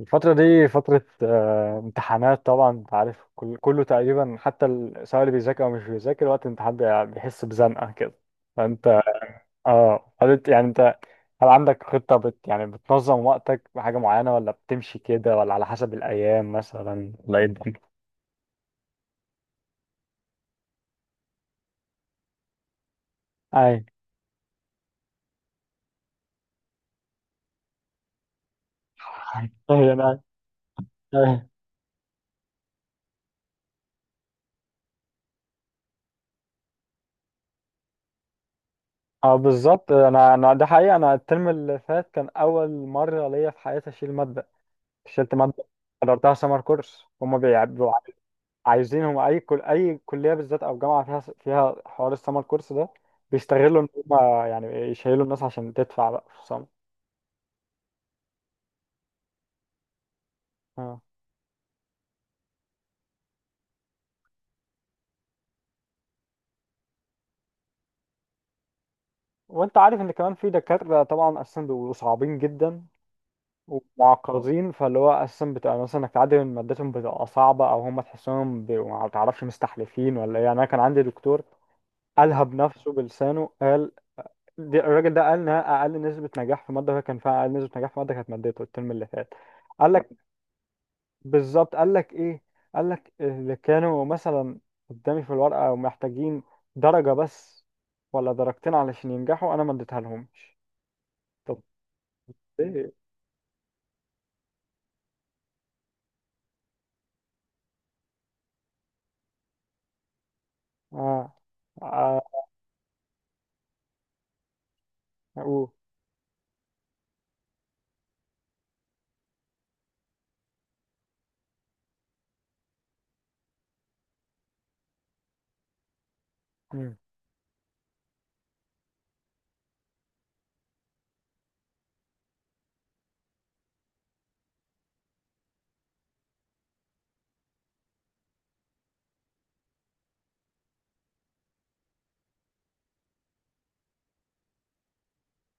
الفترة دي فترة امتحانات طبعا انت عارف كله تقريبا حتى سواء اللي بيذاكر او مش بيذاكر وقت الامتحان بيحس بزنقة كده فانت اه هل انت هل عندك خطة يعني بتنظم وقتك بحاجة معينة ولا بتمشي كده ولا على حسب الأيام مثلا ولا ايه الدنيا؟ اي اي انا أي. اه بالظبط انا ده حقيقي انا الترم اللي فات كان اول مرة ليا في حياتي اشيل مادة شلت مادة حضرتها سمر كورس هما بيعبوا عايزينهم اي كليه بالذات او جامعه فيها حوار السمر كورس ده بيستغلوا ان هم يعني يشيلوا الناس عشان تدفع بقى في السمر. اه. وانت عارف ان كمان في دكاتره طبعا اساسا بيبقوا صعبين جدا ومعقدين فاللي هو اساسا بتبقى مثلا انك تعدي من مادتهم بتبقى صعبه او هم تحسهم بيبقوا ما تعرفش مستحلفين ولا ايه يعني انا كان عندي دكتور قالها بنفسه بلسانه قال دي الراجل ده قال انها اقل نسبه نجاح في ماده وهي كان فيها اقل نسبه نجاح في ماده كانت مادته الترم اللي فات. قال لك بالظبط قال لك ايه، قال لك اللي كانوا مثلا قدامي في الورقه ومحتاجين درجه بس ولا درجتين علشان ينجحوا انا ما اديتها لهمش. طب ليه؟ اه اه. أوه. مم.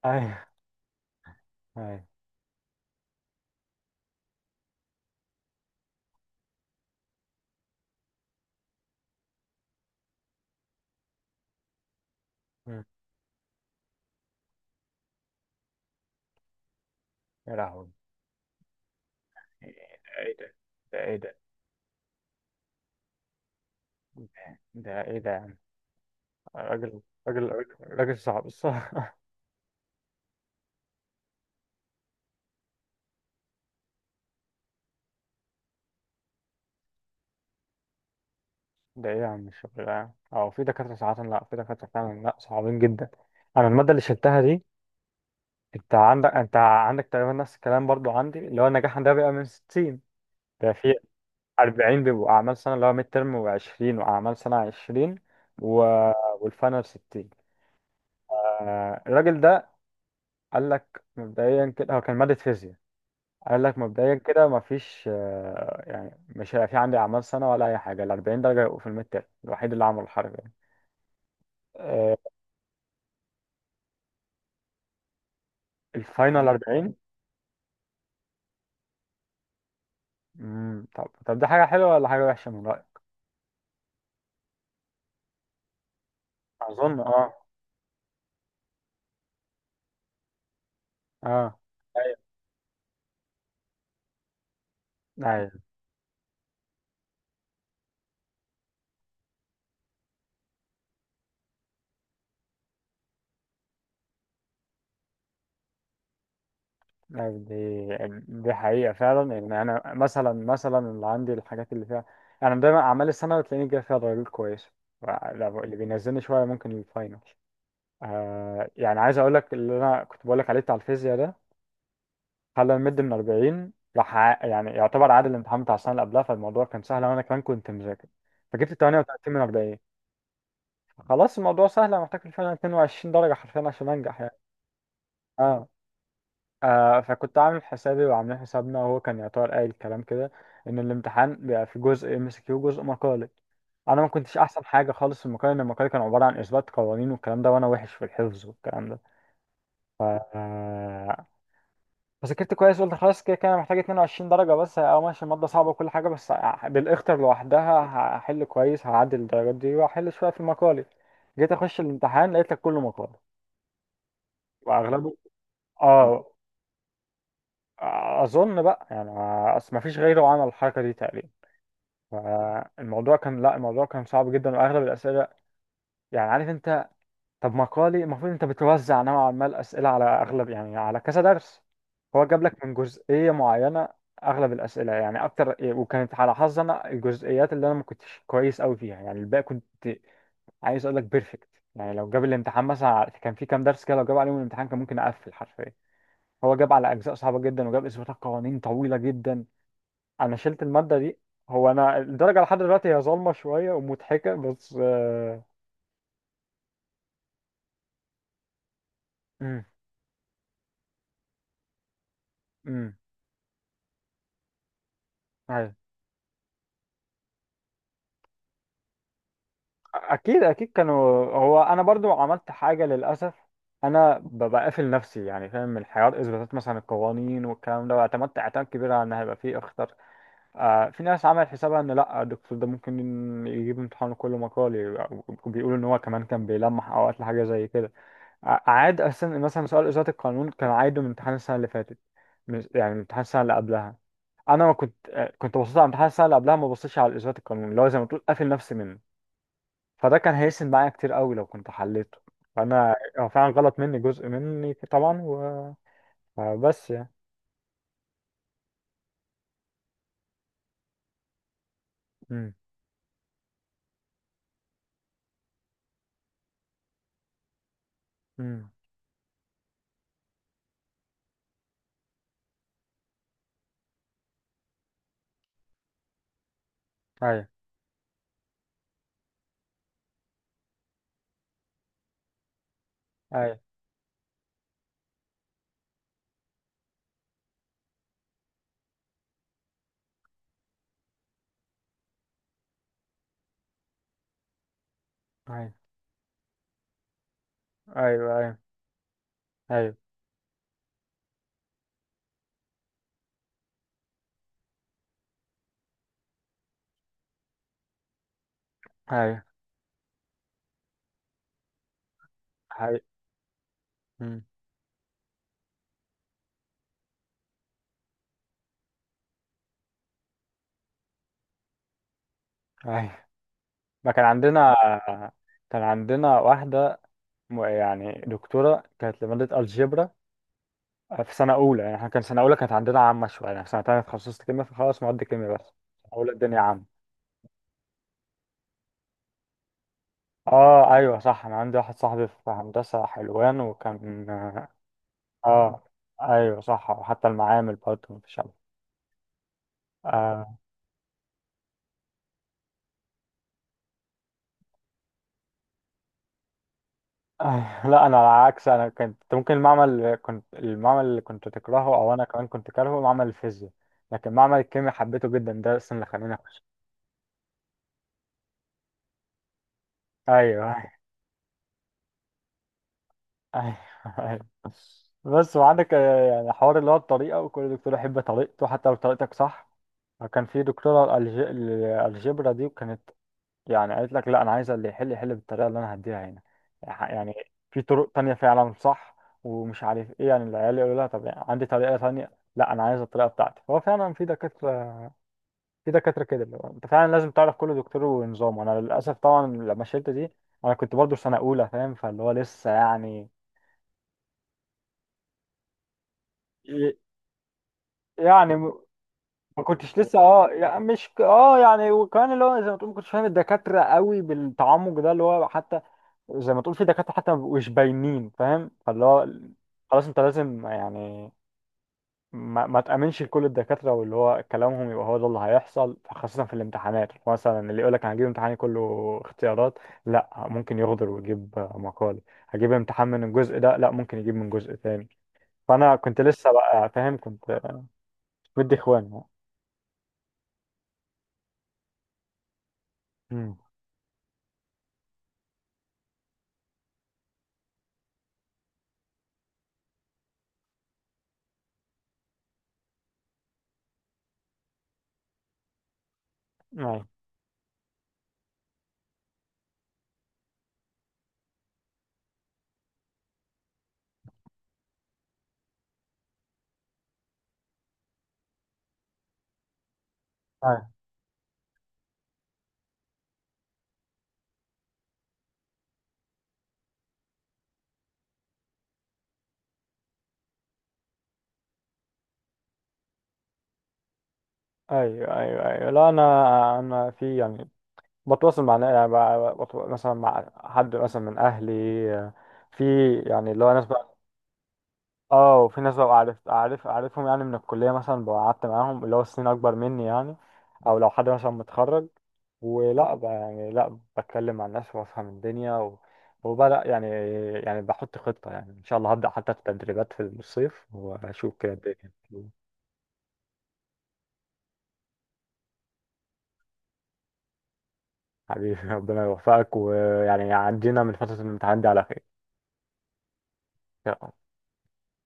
ايوه ايوه. مم. يا لهوي، ايه ده؟ ده ايه ده؟ ده ايه ده يا عم؟ راجل راجل صعب الصراحة. ده ايه يا عم الشغل ده؟ او في دكاترة ساعات لا في دكاترة فعلا لا صعبين جدا. انا المادة اللي شلتها دي، انت عندك تقريبا نفس الكلام برضو عندي اللي هو النجاح عندها بيبقى من 60، ده في 40 بيبقوا اعمال سنه اللي هو ميد ترم، و20 واعمال سنه 20 و... والفاينل 60. الراجل ده قال لك مبدئيا كده هو كان ماده فيزياء، قال لك مبدئيا كده مفيش يعني مش هيبقى في عندي اعمال سنه ولا اي حاجه، ال 40 درجه يبقوا في الميد ترم، الوحيد اللي عمل الحركه دي. آه، الفاينل 40. مم، طب ده حاجه حلوه ولا حاجه وحشه من رايك؟ اظن اه. اه ايوه، يعني دي دي حقيقة فعلا، يعني أنا مثلا اللي عندي الحاجات اللي فيها، أنا دايما أعمال السنة بتلاقيني جاي فيها درجات كويسة، اللي بينزلني شوية ممكن الفاينل. يعني عايز أقول لك اللي أنا كنت بقول لك عليه بتاع الفيزياء ده، خلى المد من 40 راح يعني يعتبر عادل الامتحان بتاع السنة اللي قبلها، فالموضوع كان سهل وأنا كمان كنت مذاكر، فجبت 38 من 40. خلاص الموضوع سهل، أنا محتاج الفاينل 22 درجة حرفيا عشان أنجح يعني. اه آه، فكنت عامل حسابي وعاملين حسابنا، وهو كان يعتبر قايل الكلام كده ان الامتحان بيبقى في جزء ام اس كيو وجزء مقالي. انا ما كنتش احسن حاجه خالص في المقالي لان المقالي كان عباره عن اثبات قوانين والكلام ده، وانا وحش في الحفظ والكلام ده. آه، فذاكرت كويس، قلت خلاص كده انا محتاج 22 درجه بس او ماشي، الماده صعبه وكل حاجه بس بالاختر لوحدها هحل كويس، هعدي الدرجات دي واحل شويه في المقالي. جيت اخش الامتحان لقيت لك كله مقالي واغلبه. اه اظن بقى يعني اصل ما فيش غيره عمل الحركه دي تقريبا، فالموضوع كان لا، الموضوع كان صعب جدا واغلب الاسئله يعني عارف انت، طب مقالي المفروض انت بتوزع نوعا ما الاسئله على اغلب يعني على كذا درس، هو جاب لك من جزئيه معينه اغلب الاسئله يعني اكتر، وكانت على حظي انا الجزئيات اللي انا ما كنتش كويس قوي فيها، يعني الباقي كنت عايز اقول لك بيرفكت. يعني لو جاب الامتحان مثلا كان في كام درس كده لو جاب عليهم الامتحان كان ممكن اقفل حرفيا. هو جاب على اجزاء صعبه جدا وجاب اثباتات قوانين طويله جدا، انا شلت المادة دي. هو انا الدرجة لحد دلوقتي هي ظالمة شوية ومضحكة بس امم، امم. أيوة. اكيد اكيد كانوا، هو انا برضو عملت حاجة للاسف، انا بقافل نفسي يعني فاهم، من حوار اثباتات مثلا القوانين والكلام ده، واعتمدت اعتماد كبير على ان هيبقى فيه اخطر. آه في ناس عملت حسابها ان لا، الدكتور ده ممكن يجيب امتحان كله مقالي، وبيقولوا ان هو كمان كان بيلمح اوقات لحاجة زي كده. عاد أساسا مثلا سؤال إزالة القانون كان عايده من امتحان السنة اللي فاتت، مش يعني من امتحان السنة اللي قبلها. أنا ما كنت كنت بصيت على امتحان السنة اللي قبلها، ما بصيتش على إزالة القانون اللي هو زي ما تقول قافل نفسي منه. فده كان هيسند معايا كتير قوي لو كنت حليته، فأنا هو فعلا غلط مني جزء مني طبعا بس يعني. أمم، أمم. أيوه أيوه أيوه أيوه أيوه أيوه أيوه أيوه. أمم، أيوه. ما كان عندنا كان عندنا واحدة، يعني دكتورة كانت لمادة الجبرا في سنة أولى، يعني احنا كان سنة أولى كانت عندنا عامة شوية يعني، في سنة تانية اتخصصت كيمياء فخلاص مواد كيمياء بس، سنة أولى الدنيا عامة. اه ايوه صح، انا عندي واحد صاحبي في هندسة حلوان وكان. اه ايوه صح، وحتى المعامل برضه مفيش عمل. آه. آه. لا انا على العكس، انا كنت ممكن المعمل، كنت المعمل اللي كنت تكرهه او انا كمان كنت كارهه معمل الفيزياء، لكن معمل الكيمياء حبيته جدا، ده السنة اللي خلاني اخش. ايوه ايوه. أيوة. بس وعندك يعني حوار اللي هو الطريقه، وكل دكتور يحب طريقته حتى لو طريقتك صح. كان في دكتوره الالجبرا دي وكانت يعني قالت لك لا انا عايزه اللي يحل يحل بالطريقه اللي انا هديها هنا، يعني في طرق تانية فعلا صح ومش عارف ايه، يعني العيال يقولوا لها طب يعني عندي طريقه تانية، لا انا عايزه الطريقه بتاعتي. هو فعلا في دكاتره، في دكاتره كده اللي هو انت فعلا لازم تعرف كل دكتور ونظامه. انا للاسف طبعا لما شلت دي انا كنت برضو في سنه اولى فاهم، فاللي هو لسه يعني، يعني ما كنتش لسه اه يعني مش اه يعني وكمان اللي هو زي ما تقول، ما كنتش فاهم الدكاتره قوي بالتعمق ده اللي هو حتى زي ما تقول في دكاتره حتى ما بيبقوش باينين فاهم، فاللي هو خلاص انت لازم يعني ما تامنش لكل الدكاتره واللي هو كلامهم يبقى هو ده اللي هيحصل، خاصه في الامتحانات مثلا اللي يقول لك انا هجيب امتحاني كله اختيارات، لا ممكن يغدر ويجيب مقال، هجيب امتحان من الجزء ده لا ممكن يجيب من جزء تاني. فانا كنت لسه بقى فاهم كنت مدي اخوان يعني. امم. أيوة. ايوه ايوه ايوه لا انا، انا في يعني بتواصل مع مثلا مع حد مثلا من اهلي، في يعني اللي هو ناس بقى، اه وفي ناس بقى عارف عارف عارفهم يعني من الكليه مثلا، بقى قعدت معاهم اللي هو سنين اكبر مني يعني، او لو حد مثلا متخرج ولا بقى يعني، لا بتكلم مع الناس وافهم الدنيا وبدأ يعني، يعني بحط خطة يعني إن شاء الله هبدأ حتى التدريبات في الصيف وأشوف كده الدنيا. حبيبي ربنا يوفقك، ويعني عدينا من فترة الامتحان دي على خير. يلا.